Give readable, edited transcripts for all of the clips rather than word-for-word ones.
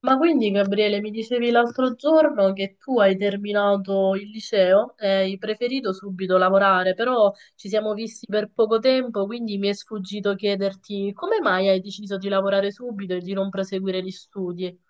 Ma quindi, Gabriele, mi dicevi l'altro giorno che tu hai terminato il liceo e hai preferito subito lavorare, però ci siamo visti per poco tempo, quindi mi è sfuggito chiederti come mai hai deciso di lavorare subito e di non proseguire gli studi?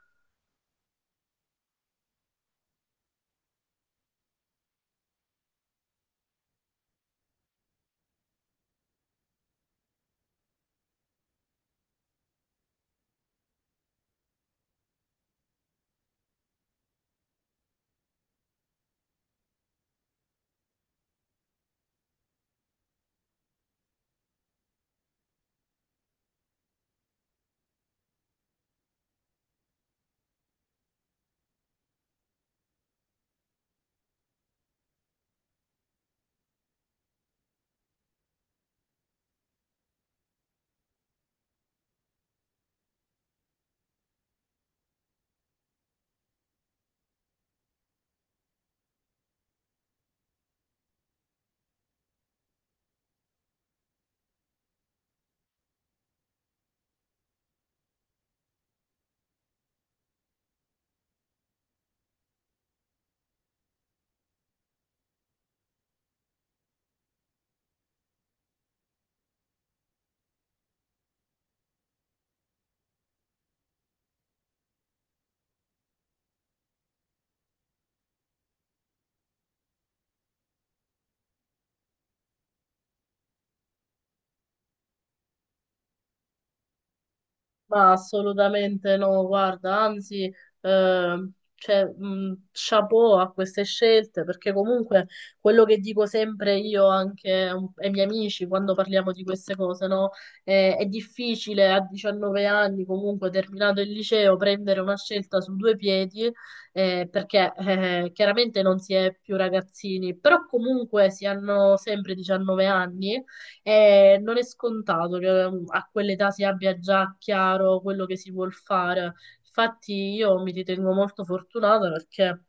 Ma assolutamente no, guarda, anzi, eh, cioè, chapeau a queste scelte, perché comunque quello che dico sempre io anche ai miei amici quando parliamo di queste cose, no? È difficile a 19 anni, comunque terminato il liceo, prendere una scelta su due piedi, perché chiaramente non si è più ragazzini, però comunque si hanno sempre 19 anni e non è scontato che a quell'età si abbia già chiaro quello che si vuol fare. Infatti io mi ritengo molto fortunata perché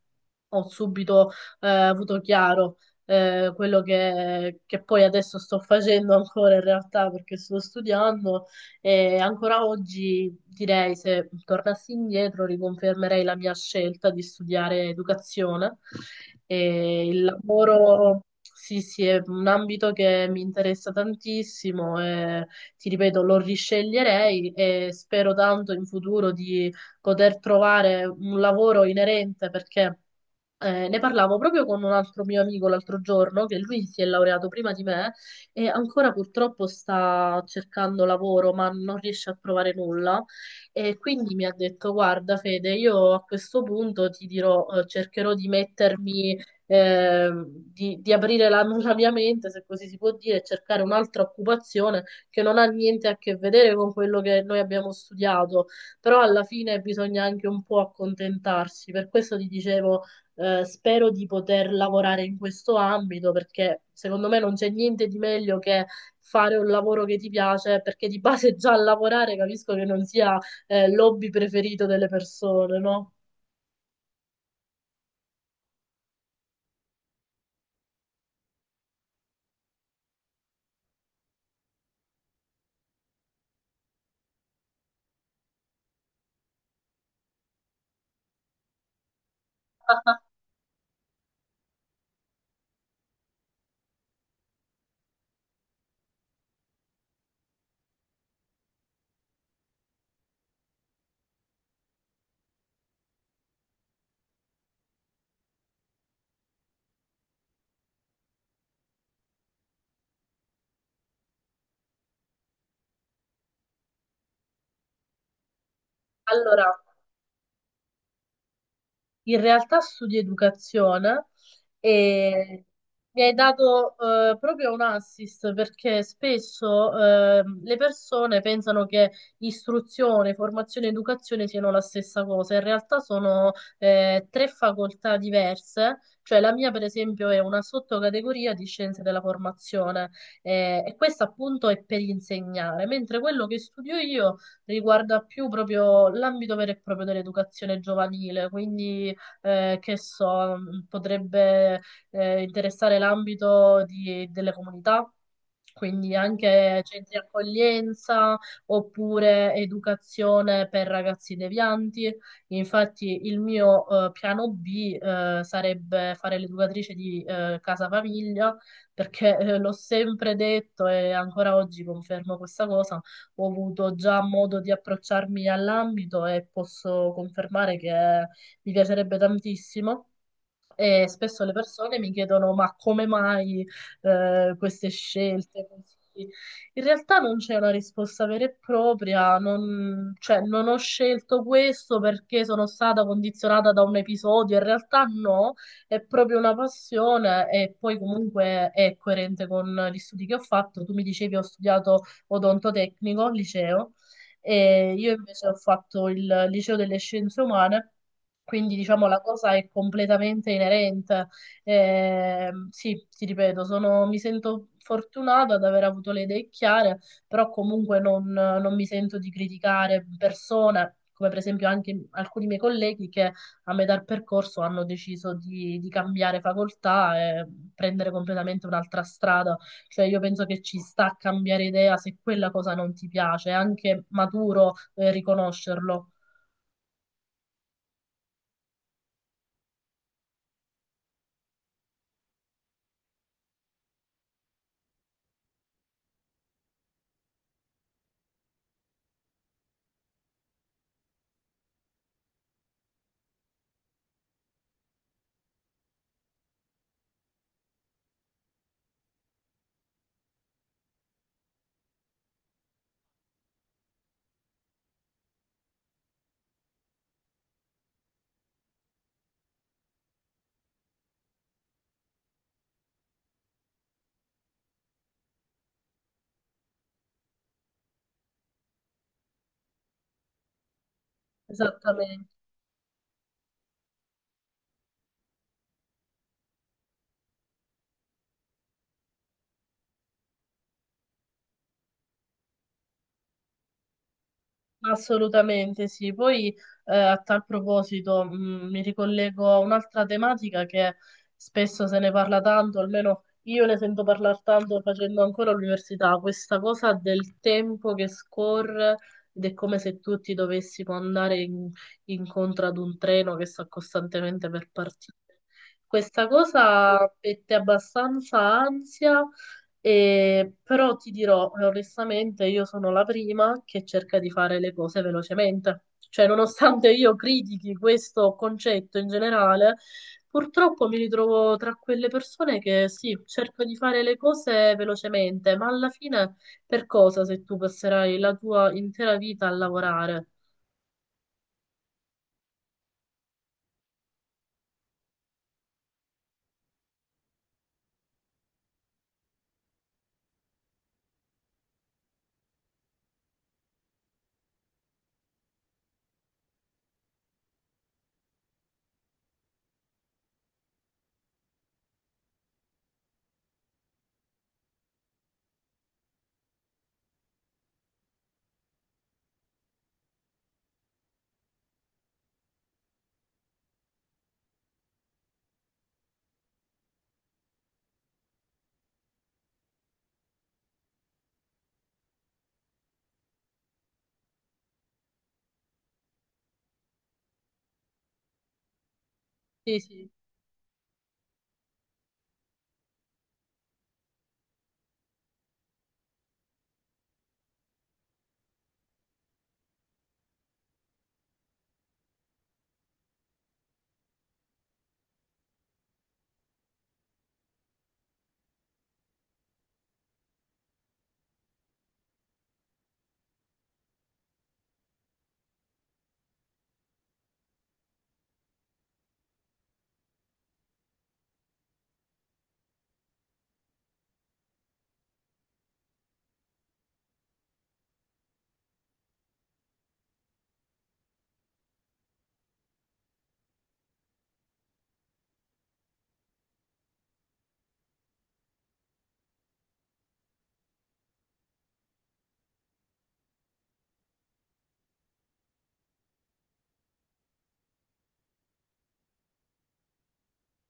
ho subito avuto chiaro quello che poi adesso sto facendo ancora in realtà perché sto studiando e ancora oggi direi, se tornassi indietro, riconfermerei la mia scelta di studiare educazione. E il lavoro, sì, sì, è un ambito che mi interessa tantissimo e ti ripeto, lo risceglierei e spero tanto in futuro di poter trovare un lavoro inerente perché ne parlavo proprio con un altro mio amico l'altro giorno, che lui si è laureato prima di me e ancora purtroppo sta cercando lavoro, ma non riesce a trovare nulla. E quindi mi ha detto: Guarda, Fede, io a questo punto ti dirò, cercherò di mettermi, di aprire la mia mente, se così si può dire, e cercare un'altra occupazione che non ha niente a che vedere con quello che noi abbiamo studiato. Però alla fine bisogna anche un po' accontentarsi. Per questo ti dicevo spero di poter lavorare in questo ambito perché secondo me non c'è niente di meglio che fare un lavoro che ti piace, perché di base già lavorare capisco che non sia, l'hobby preferito delle persone, no? Allora, in realtà studio educazione e mi hai dato proprio un assist perché spesso le persone pensano che istruzione, formazione e educazione siano la stessa cosa. In realtà sono tre facoltà diverse, cioè la mia per esempio è una sottocategoria di scienze della formazione e questa appunto è per insegnare, mentre quello che studio io riguarda più proprio l'ambito vero e proprio dell'educazione giovanile, quindi che so, potrebbe interessare l'ambito delle comunità, quindi anche centri accoglienza oppure educazione per ragazzi devianti. Infatti il mio piano B sarebbe fare l'educatrice di casa famiglia, perché l'ho sempre detto e ancora oggi confermo questa cosa, ho avuto già modo di approcciarmi all'ambito e posso confermare che mi piacerebbe tantissimo. E spesso le persone mi chiedono: ma come mai queste scelte così? In realtà non c'è una risposta vera e propria, non, cioè, non ho scelto questo perché sono stata condizionata da un episodio. In realtà no, è proprio una passione e poi comunque è coerente con gli studi che ho fatto. Tu mi dicevi ho studiato odontotecnico al liceo e io invece ho fatto il liceo delle scienze umane, quindi diciamo la cosa è completamente inerente. Sì, ti ripeto, sono- mi sento fortunata ad aver avuto le idee chiare, però comunque non mi sento di criticare persone, come per esempio anche alcuni miei colleghi che a metà percorso hanno deciso di cambiare facoltà e prendere completamente un'altra strada. Cioè io penso che ci sta a cambiare idea se quella cosa non ti piace, è anche maturo, riconoscerlo. Esattamente. Assolutamente sì. Poi a tal proposito mi ricollego a un'altra tematica che spesso se ne parla tanto, almeno io ne sento parlare tanto facendo ancora l'università, questa cosa del tempo che scorre ed è come se tu ti dovessi può andare incontro ad un treno che sta costantemente per partire. Questa cosa mette abbastanza ansia però ti dirò, onestamente, io sono la prima che cerca di fare le cose velocemente. Cioè, nonostante io critichi questo concetto in generale, purtroppo mi ritrovo tra quelle persone che sì, cerco di fare le cose velocemente, ma alla fine per cosa se tu passerai la tua intera vita a lavorare? Sì, sì,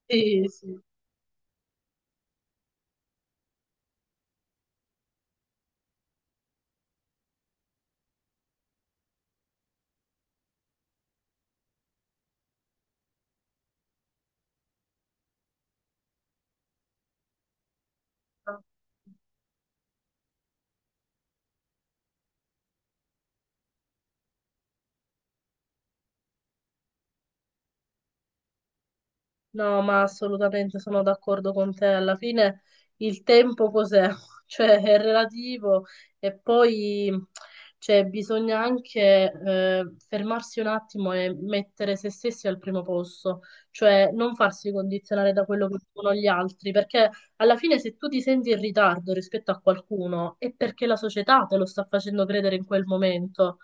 sì, sì. No, ma assolutamente sono d'accordo con te. Alla fine il tempo cos'è? Cioè è relativo e poi cioè, bisogna anche fermarsi un attimo e mettere se stessi al primo posto, cioè non farsi condizionare da quello che dicono gli altri, perché alla fine se tu ti senti in ritardo rispetto a qualcuno è perché la società te lo sta facendo credere in quel momento.